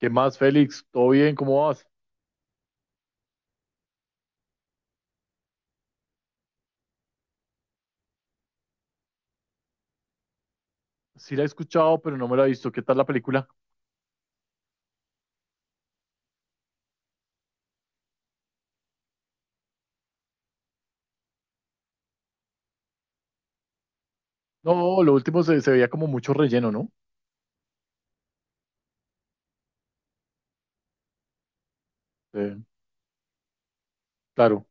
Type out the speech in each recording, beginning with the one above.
¿Qué más, Félix? ¿Todo bien? ¿Cómo vas? Sí la he escuchado, pero no me la he visto. ¿Qué tal la película? No, lo último se veía como mucho relleno, ¿no? Eh, claro.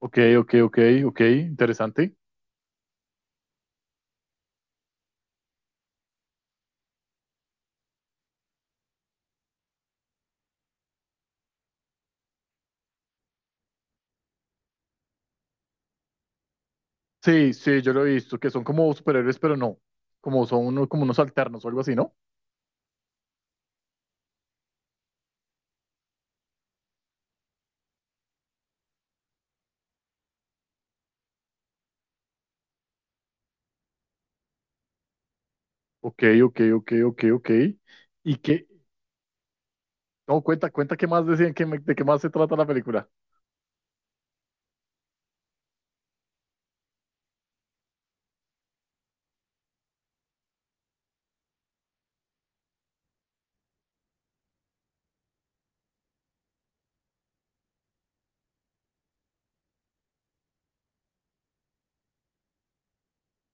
Ok, ok, ok, ok. Interesante. Sí, sí, yo lo he visto, que son como superhéroes, pero no. Como son unos, como unos alternos o algo así, ¿no? Ok, ok, ok, ok, ok. ¿Y qué? No, cuenta, cuenta qué más decían, de qué más se trata la película.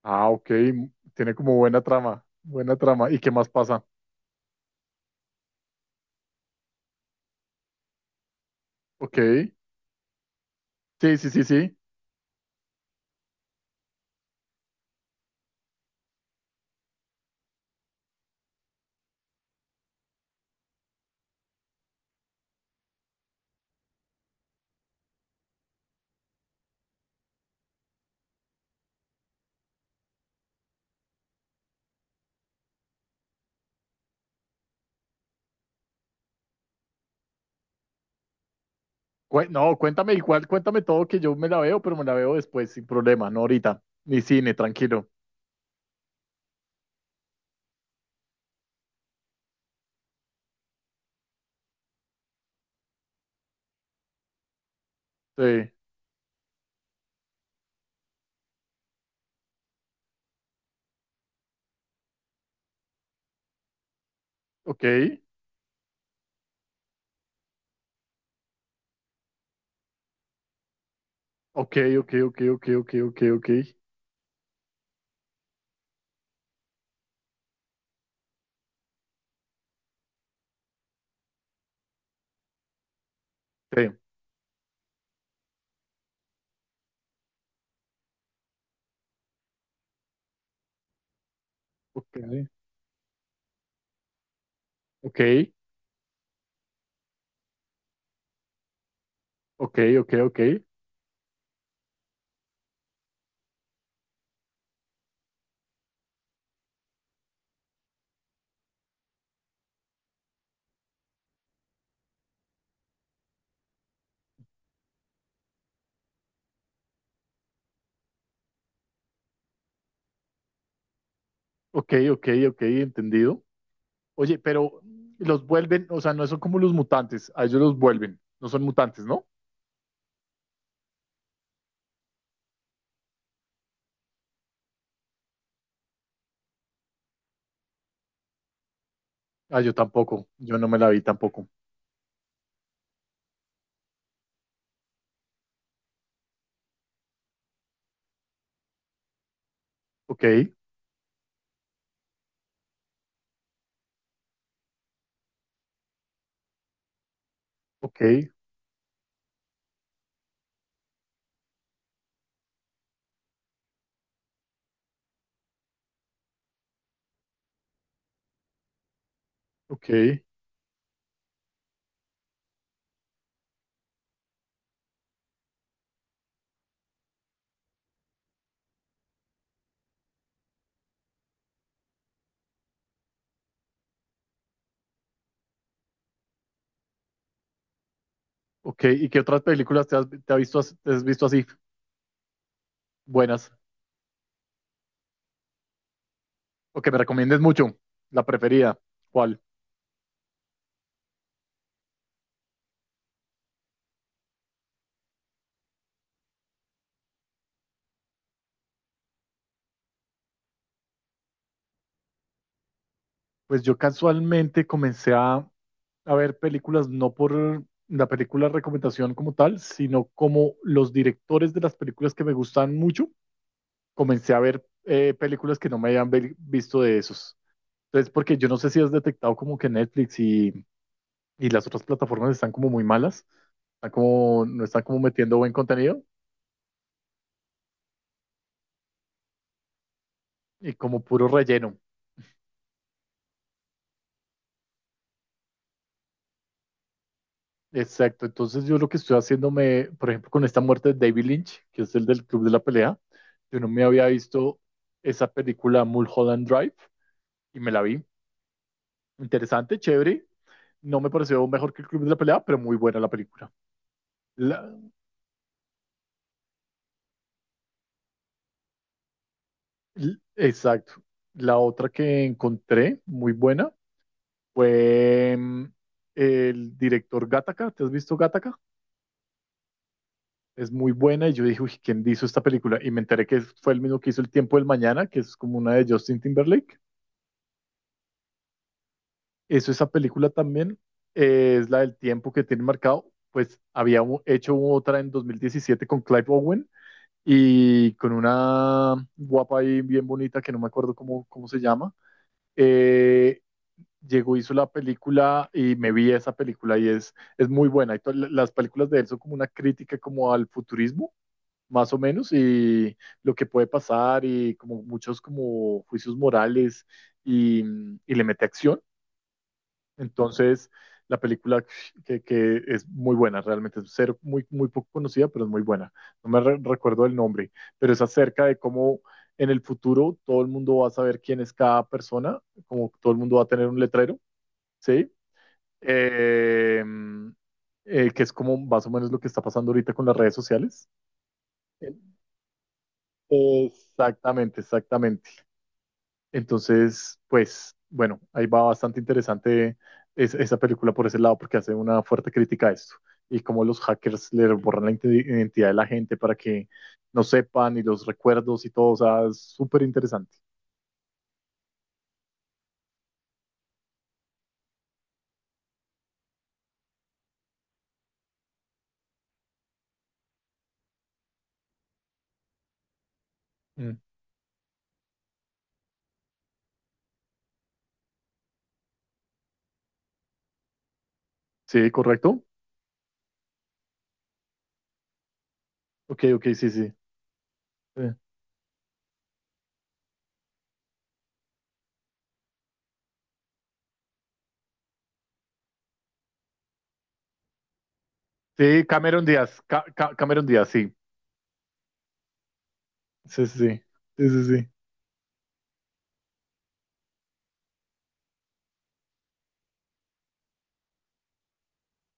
Ah, ok. Tiene como buena trama, buena trama. ¿Y qué más pasa? Ok. Sí, sí, sí, sí. No, cuéntame igual, cuéntame todo que yo me la veo, pero me la veo después, sin problema, no ahorita. Ni cine, tranquilo. Sí. Ok, ok, ok, ok, ok, ok, ok, ok. Sí. Ok, ok, ok, ok, ok, ok, ok, ok, entendido. Oye, pero los vuelven, o sea, no son como los mutantes, a ellos los vuelven, no son mutantes, ¿no? Ah, yo tampoco, yo no me la vi tampoco. Ok, ok, ok, ok. ¿Y qué otras películas te has visto, te has visto así buenas? ¿O que me recomiendes mucho, la preferida? ¿Cuál? Pues yo casualmente a ver películas no por la película recomendación como tal, sino como los directores de las películas que me gustan mucho, comencé a ver películas que no me visto de esos. Entonces, porque yo no sé si has detectado como que y las otras plataformas están como muy malas, están como, no están como metiendo buen contenido y como puro relleno. Exacto, entonces yo lo que estoy haciéndome, por ejemplo, con esta muerte de David Lynch, que es el del Club de la Pelea, yo no me había visto esa película Mulholland Drive y me la vi. Interesante, chévere. No me pareció mejor que el Club de la Pelea, pero muy buena la película. La- exacto. La otra que encontré muy buena fue el director Gattaca. ¿Te has visto Gattaca? Es muy buena y yo dije, uy, ¿quién hizo esta película? Y me enteré que fue el mismo que hizo El Tiempo del Mañana, que es como una de Justin Timberlake. Eso, esa película también es la del tiempo que tiene marcado. Pues había hecho otra en 2017 con Clive Owen y con una guapa y bien bonita que no me acuerdo cómo se llama. Eh, Llegó, hizo la película y me vi esa película y es muy buena. Y las películas de él son como una crítica como al futurismo, más o menos, y lo que puede pasar y como muchos como juicios morales y, y le mete acción. Entonces, la película que es muy buena, realmente es ser muy, muy poco conocida, pero es muy buena. No me recuerdo el nombre, pero es acerca de cómo en el futuro todo el mundo va a saber quién es cada persona, como todo el mundo va a tener un letrero, ¿sí? Eh, que es como más o menos lo que está pasando ahorita con las redes sociales. Exactamente, exactamente. Entonces, pues bueno, ahí va bastante interesante esa película por ese lado porque hace una fuerte crítica a esto y cómo los hackers le borran la identidad de la gente para que no sepan y los recuerdos y todo, o sea, es súper interesante. Mm. Sí, correcto. Ok, ok, sí, sí. Eh, sí, Cameron Díaz, Cameron Díaz, sí. Sí, sí, sí. Sí, sí, sí.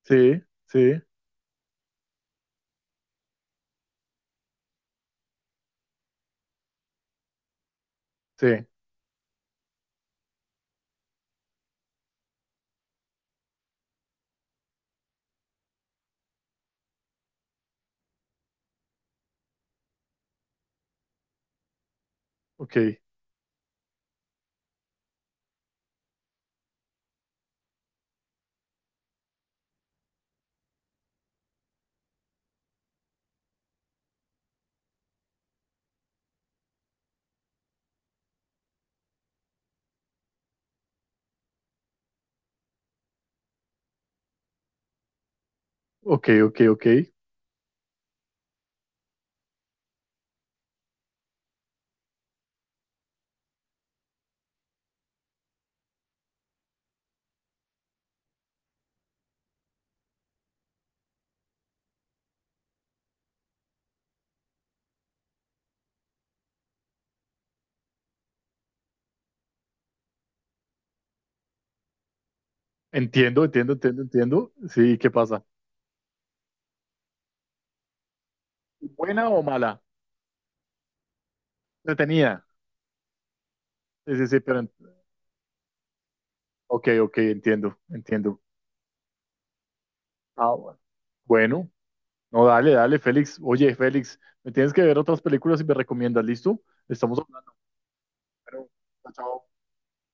Sí, sí, sí. Ok, ok, ok, ok. Entiendo, entiendo, entiendo, entiendo. Sí, ¿qué pasa? ¿Buena o mala? No tenía. Sí, sí, sí, pero... Ok, ok, entiendo, entiendo. Ah, bueno. Bueno, no, dale, dale, Félix. Oye, Félix, me tienes que ver otras películas y me recomiendas, ¿listo? Estamos hablando, pero... Chao, chao.